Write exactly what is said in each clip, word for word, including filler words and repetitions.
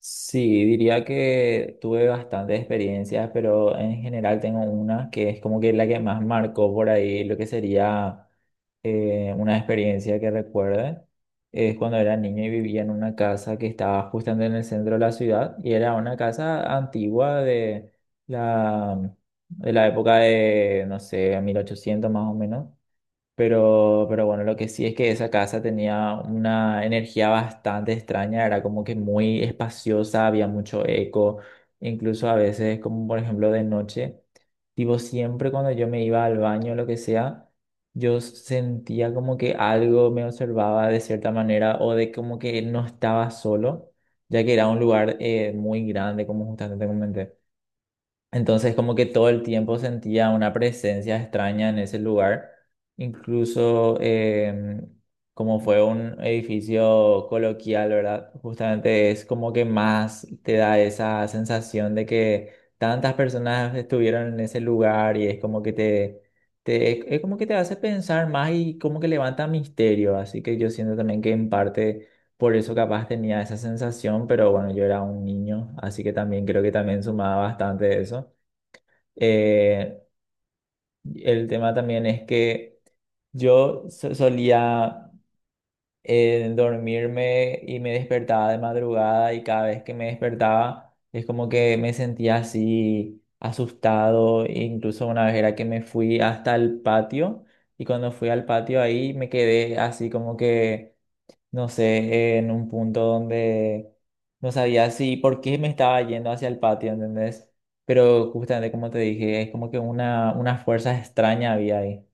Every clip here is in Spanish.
Sí, diría que tuve bastantes experiencias, pero en general tengo una que es como que la que más marcó por ahí lo que sería eh, una experiencia que recuerde. Es cuando era niño y vivía en una casa que estaba justamente en el centro de la ciudad y era una casa antigua de la, de la época de, no sé, mil ochocientos más o menos. Pero, pero bueno, lo que sí es que esa casa tenía una energía bastante extraña, era como que muy espaciosa, había mucho eco, incluso a veces, como por ejemplo de noche, tipo siempre cuando yo me iba al baño o lo que sea, yo sentía como que algo me observaba de cierta manera o de como que no estaba solo, ya que era un lugar eh, muy grande, como justamente te comenté. Entonces como que todo el tiempo sentía una presencia extraña en ese lugar. Incluso eh, como fue un edificio coloquial, ¿verdad? Justamente es como que más te da esa sensación de que tantas personas estuvieron en ese lugar y es como que te, te, es como que te hace pensar más y como que levanta misterio. Así que yo siento también que en parte... Por eso capaz tenía esa sensación, pero bueno, yo era un niño, así que también creo que también sumaba bastante eso. Eh, el tema también es que yo so- solía eh, dormirme y me despertaba de madrugada y cada vez que me despertaba es como que me sentía así asustado. e Incluso una vez era que me fui hasta el patio y cuando fui al patio ahí me quedé así como que no sé, en un punto donde no sabía si por qué me estaba yendo hacia el patio, ¿entendés? Pero justamente como te dije, es como que una, una fuerza extraña había ahí.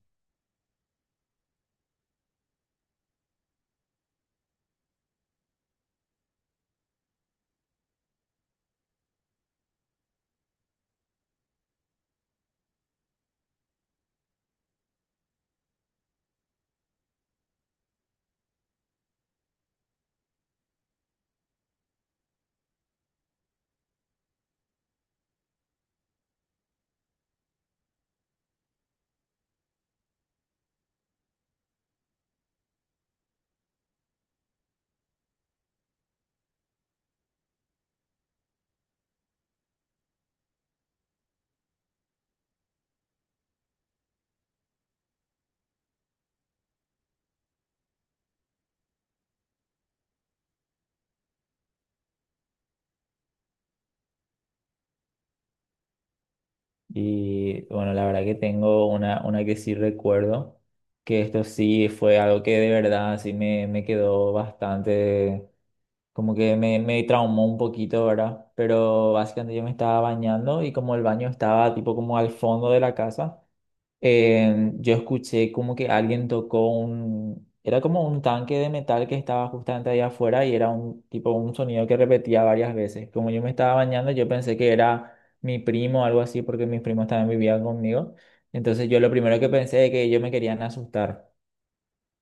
Y bueno, la verdad que tengo una, una que sí recuerdo, que esto sí fue algo que de verdad sí me, me quedó bastante, como que me, me traumó un poquito, ¿verdad? Pero básicamente yo me estaba bañando y como el baño estaba tipo como al fondo de la casa. Eh, yo escuché como que alguien tocó un, era como un tanque de metal que estaba justamente ahí afuera y era un tipo un sonido que repetía varias veces. Como yo me estaba bañando, yo pensé que era mi primo o algo así porque mis primos también vivían conmigo. Entonces yo lo primero que pensé es que ellos me querían asustar.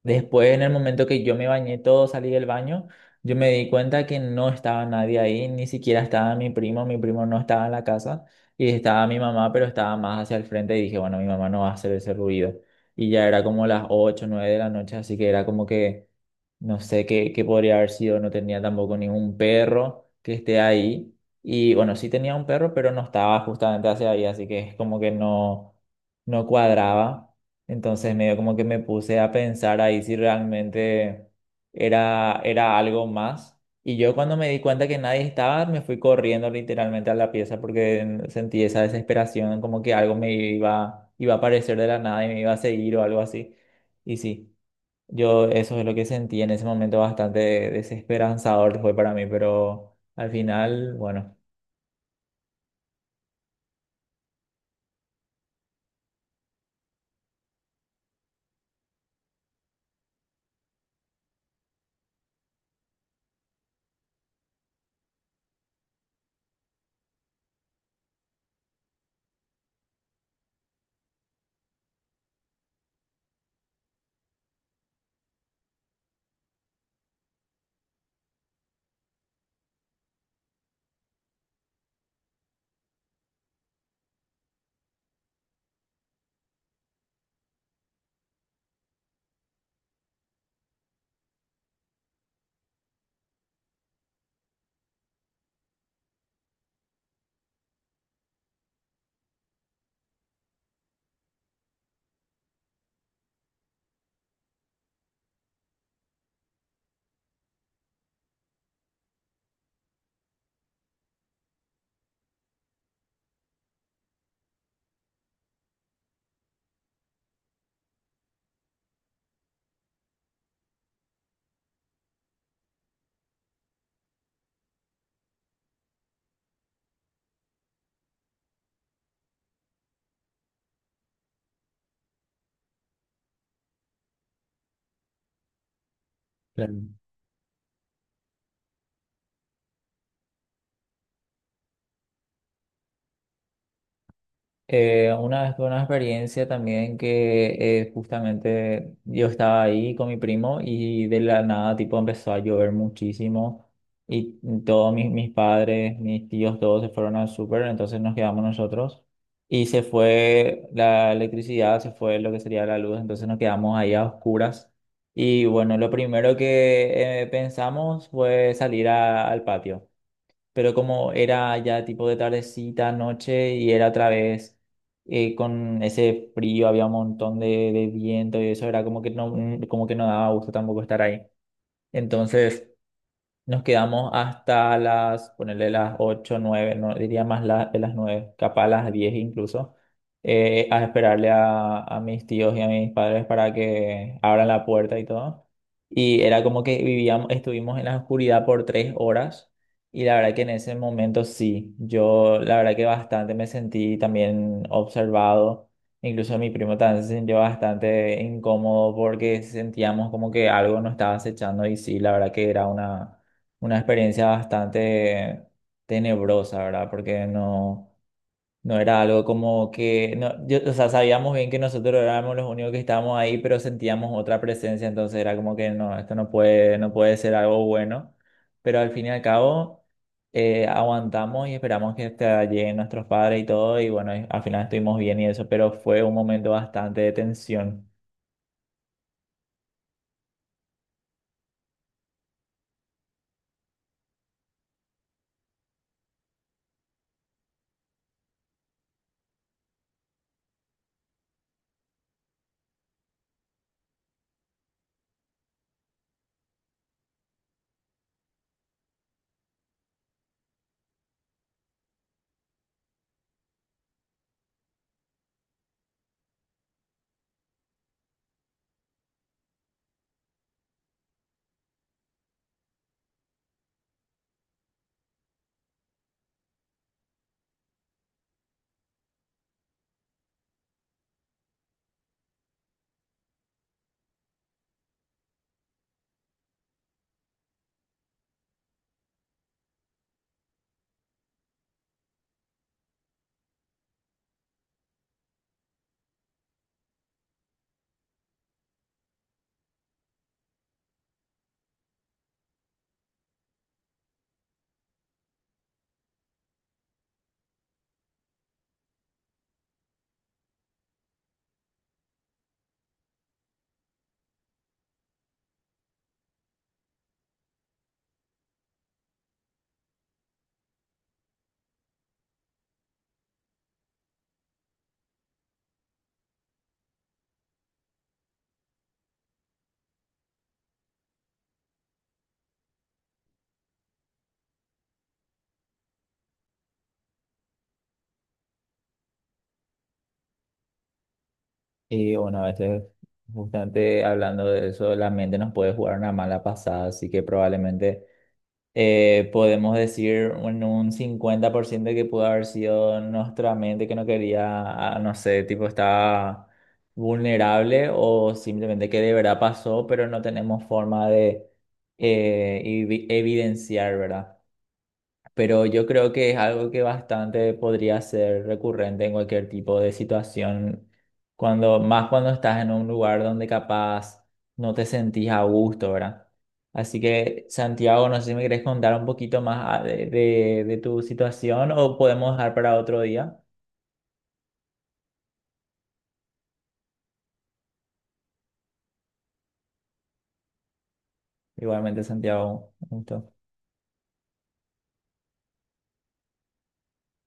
Después, en el momento que yo me bañé todo, salí del baño, yo me di cuenta que no estaba nadie ahí, ni siquiera estaba mi primo, mi primo no estaba en la casa y estaba mi mamá, pero estaba más hacia el frente y dije, bueno, mi mamá no va a hacer ese ruido. Y ya era como las ocho, nueve de la noche, así que era como que no sé qué, qué podría haber sido, no tenía tampoco ningún perro que esté ahí. Y bueno, sí tenía un perro, pero no estaba justamente hacia ahí, así que es como que no, no cuadraba. Entonces medio como que me puse a pensar ahí si realmente era, era algo más. Y yo cuando me di cuenta que nadie estaba, me fui corriendo literalmente a la pieza porque sentí esa desesperación, como que algo me iba, iba a aparecer de la nada y me iba a seguir o algo así. Y sí, yo eso es lo que sentí en ese momento bastante desesperanzador fue para mí, pero al final, bueno. Claro. Eh, una vez tuve una experiencia también que eh, justamente yo estaba ahí con mi primo y de la nada tipo empezó a llover muchísimo y todos mis, mis padres, mis tíos, todos se fueron al súper, entonces nos quedamos nosotros y se fue la electricidad, se fue lo que sería la luz, entonces nos quedamos ahí a oscuras y bueno, lo primero que eh, pensamos fue salir a- al patio, pero como era ya tipo de tardecita, noche, y era otra vez eh, con ese frío, había un montón de, de viento y eso era como que no, como que no daba gusto tampoco estar ahí. Entonces... Nos quedamos hasta las, ponerle las ocho nueve no, diría más la- de las nueve capaz las diez incluso, eh, a esperarle a, a mis tíos y a mis padres para que abran la puerta y todo. Y era como que vivíamos, estuvimos en la oscuridad por tres horas y la verdad que en ese momento sí, yo la verdad que bastante me sentí también observado, incluso mi primo también se sintió bastante incómodo porque sentíamos como que algo nos estaba acechando y sí, la verdad que era una una experiencia bastante tenebrosa, ¿verdad? Porque no, no era algo como que, no, yo- o sea, sabíamos bien que nosotros éramos los únicos que estábamos ahí, pero sentíamos otra presencia, entonces era como que no, esto no puede, no puede ser algo bueno, pero al fin y al cabo eh, aguantamos y esperamos que hasta lleguen nuestros padres y todo, y bueno, y al final estuvimos bien y eso, pero fue un momento bastante de tensión. Y bueno, a veces, justamente hablando de eso, la mente nos puede jugar una mala pasada, así que probablemente eh, podemos decir en un cincuenta por ciento que pudo haber sido nuestra mente que no quería, ah, no sé, tipo estaba vulnerable o simplemente que de verdad pasó, pero no tenemos forma de eh, evi- evidenciar, ¿verdad? Pero yo creo que es algo que bastante podría ser recurrente en cualquier tipo de situación, cuando, más cuando estás en un lugar donde capaz no te sentís a gusto, ¿verdad? Así que, Santiago, no sé si me querés contar un poquito más ah, de, de de tu situación o podemos dejar para otro día. Igualmente, Santiago, un gusto.